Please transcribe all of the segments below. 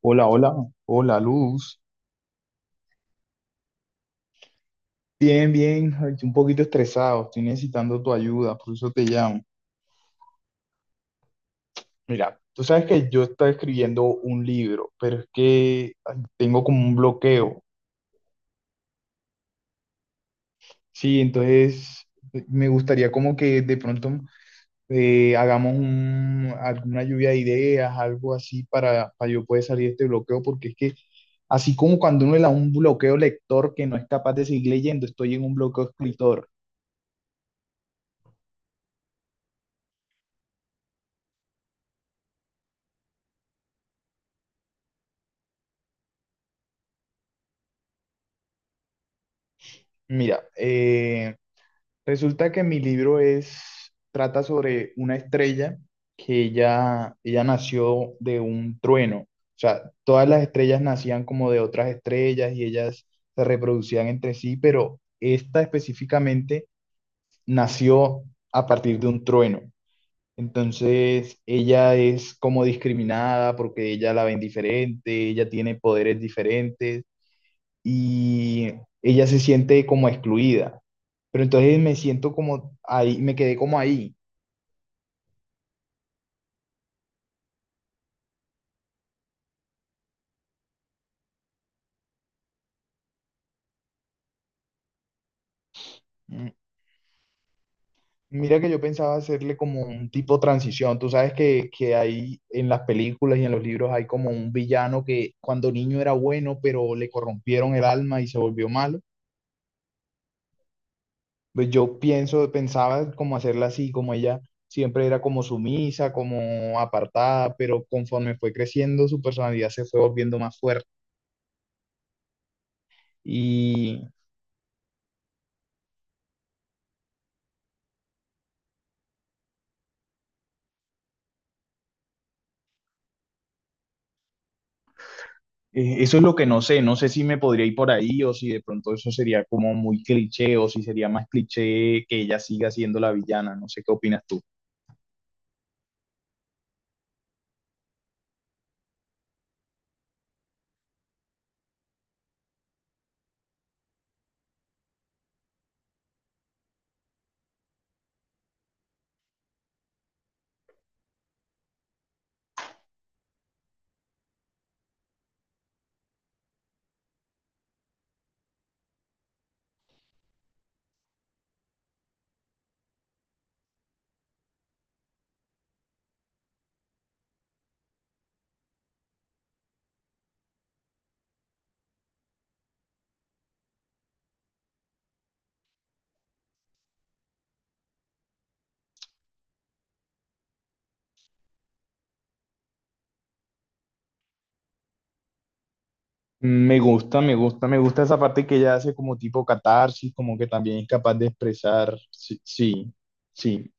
Hola, hola, hola Luz. Bien, bien, ay, un poquito estresado, estoy necesitando tu ayuda, por eso te llamo. Mira, tú sabes que yo estoy escribiendo un libro, pero es que ay, tengo como un bloqueo. Sí, entonces me gustaría como que de pronto hagamos alguna lluvia de ideas, algo así para yo poder salir de este bloqueo, porque es que así como cuando uno le da un bloqueo lector que no es capaz de seguir leyendo, estoy en un bloqueo escritor. Mira, resulta que mi libro trata sobre una estrella que ella nació de un trueno. O sea, todas las estrellas nacían como de otras estrellas y ellas se reproducían entre sí, pero esta específicamente nació a partir de un trueno. Entonces, ella es como discriminada porque ella la ven diferente, ella tiene poderes diferentes y ella se siente como excluida. Pero entonces me siento como ahí, me quedé como ahí. Mm, mira que yo pensaba hacerle como un tipo de transición. Tú sabes que hay en las películas y en los libros hay como un villano que cuando niño era bueno, pero le corrompieron el alma y se volvió malo. Pues yo pensaba como hacerla así, como ella siempre era como sumisa, como apartada, pero conforme fue creciendo su personalidad se fue volviendo más fuerte. Y eso es lo que no sé, no sé si me podría ir por ahí o si de pronto eso sería como muy cliché o si sería más cliché que ella siga siendo la villana, no sé qué opinas tú. Me gusta, me gusta, me gusta esa parte que ella hace como tipo catarsis, como que también es capaz de expresar, sí, sí, sí,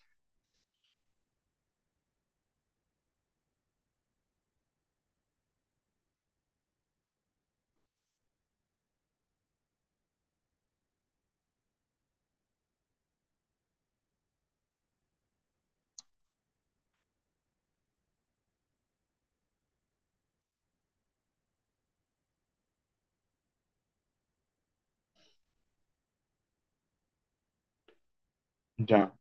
ya.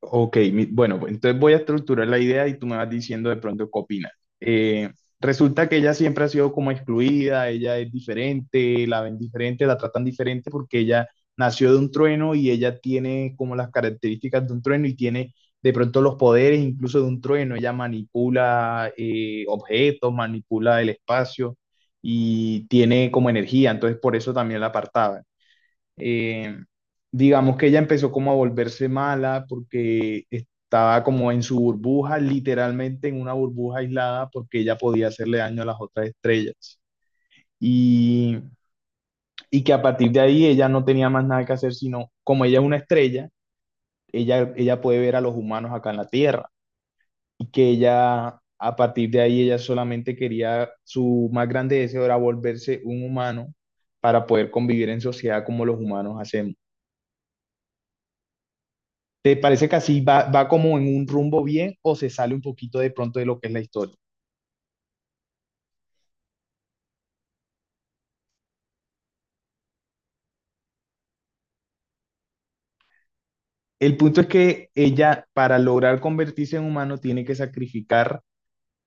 Ok, bueno, pues, entonces voy a estructurar la idea y tú me vas diciendo de pronto qué opinas. Eh, resulta que ella siempre ha sido como excluida, ella es diferente, la ven diferente, la tratan diferente porque ella nació de un trueno y ella tiene como las características de un trueno y tiene de pronto los poderes incluso de un trueno. Ella manipula objetos, manipula el espacio y tiene como energía, entonces por eso también la apartaba. Eh, digamos que ella empezó como a volverse mala porque estaba como en su burbuja, literalmente en una burbuja aislada porque ella podía hacerle daño a las otras estrellas. Y, y que a partir de ahí ella no tenía más nada que hacer, sino como ella es una estrella, ella puede ver a los humanos acá en la Tierra y que ella... A partir de ahí, ella solamente quería, su más grande deseo era volverse un humano para poder convivir en sociedad como los humanos hacemos. ¿Te parece que así va como en un rumbo bien o se sale un poquito de pronto de lo que es la historia? El punto es que ella, para lograr convertirse en humano, tiene que sacrificar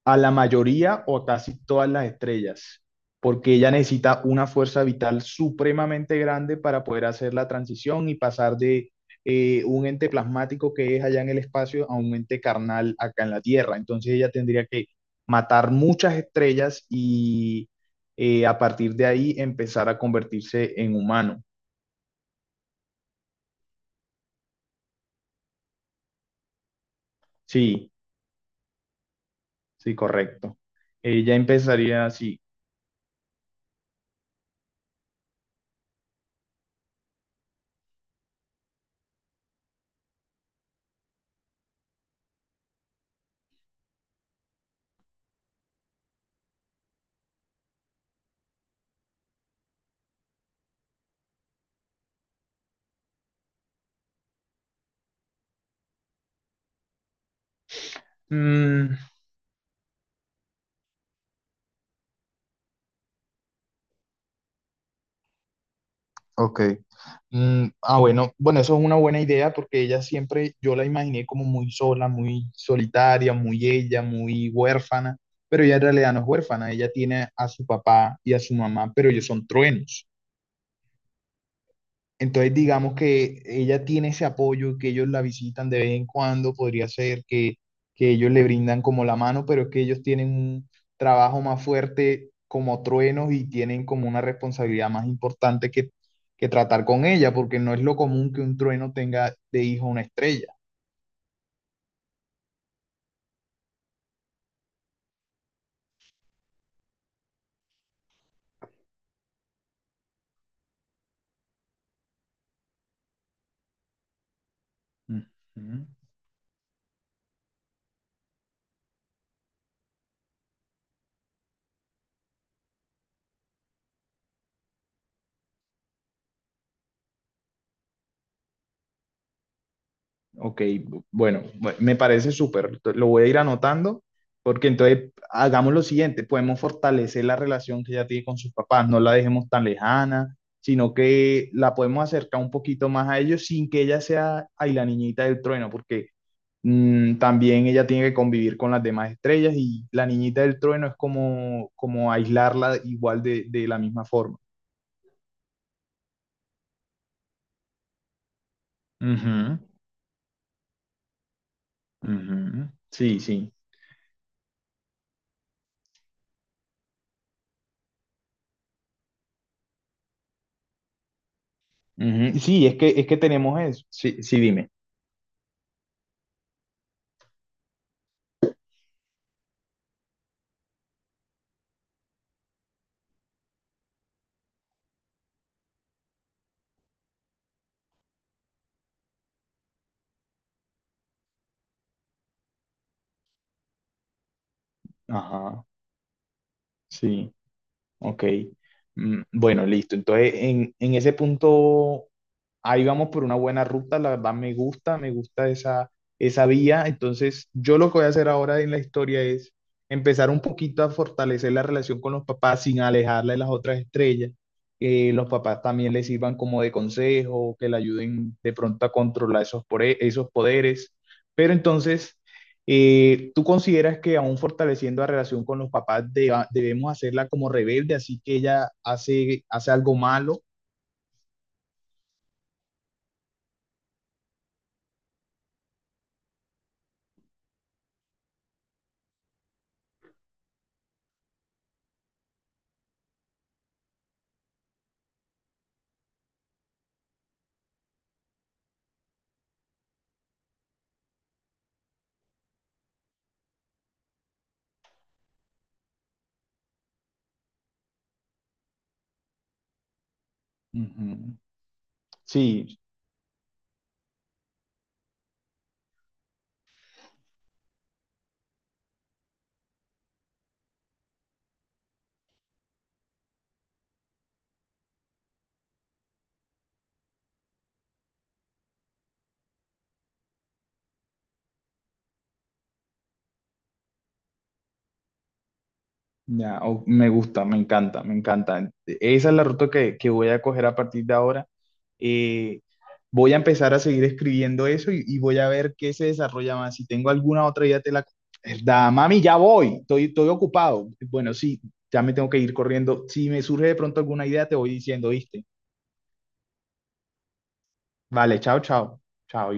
a la mayoría o casi todas las estrellas, porque ella necesita una fuerza vital supremamente grande para poder hacer la transición y pasar de un ente plasmático que es allá en el espacio a un ente carnal acá en la Tierra. Entonces ella tendría que matar muchas estrellas y a partir de ahí empezar a convertirse en humano. Sí, sí, correcto. Ella empezaría así. Mm, ok. Mm, ah, bueno, bueno, eso es una buena idea porque ella siempre, yo la imaginé como muy sola, muy solitaria, muy ella, muy huérfana, pero ella en realidad no es huérfana, ella tiene a su papá y a su mamá, pero ellos son truenos. Entonces, digamos que ella tiene ese apoyo, que ellos la visitan de vez en cuando, podría ser que ellos le brindan como la mano, pero es que ellos tienen un trabajo más fuerte como truenos y tienen como una responsabilidad más importante que tratar con ella, porque no es lo común que un trueno tenga de hijo una estrella. Ujú. Ok, me parece súper. Lo voy a ir anotando porque entonces hagamos lo siguiente, podemos fortalecer la relación que ella tiene con sus papás, no la dejemos tan lejana, sino que la podemos acercar un poquito más a ellos sin que ella sea ay, la niñita del trueno, porque mm, también ella tiene que convivir con las demás estrellas y la niñita del trueno es como aislarla igual de la misma forma. Ujú, ujú. Sí, sí. Ujú. Sí, es es que tenemos eso. Sí, sí, dime. Ajá, sí, ok. Mm, bueno, listo. Entonces, en ese punto, ahí vamos por una buena ruta. La verdad, me gusta esa, esa vía. Entonces, yo lo que voy a hacer ahora en la historia es empezar un poquito a fortalecer la relación con los papás sin alejarla de las otras estrellas. Que los papás también les sirvan como de consejo, que le ayuden de pronto a controlar esos, esos poderes. Pero entonces... ¿tú consideras que aún fortaleciendo la relación con los papás debemos hacerla como rebelde, así que ella hace algo malo? Ujú. Sí, ya, me gusta, me encanta, me encanta. Esa es la ruta que voy a coger a partir de ahora. Eh, voy a empezar a seguir escribiendo eso y voy a ver qué se desarrolla más. Si tengo alguna otra idea, te la... Da, mami, ya voy, estoy ocupado. Bueno, sí, ya me tengo que ir corriendo. Si me surge de pronto alguna idea, te voy diciendo, ¿viste? Vale, chao, chao. Chao.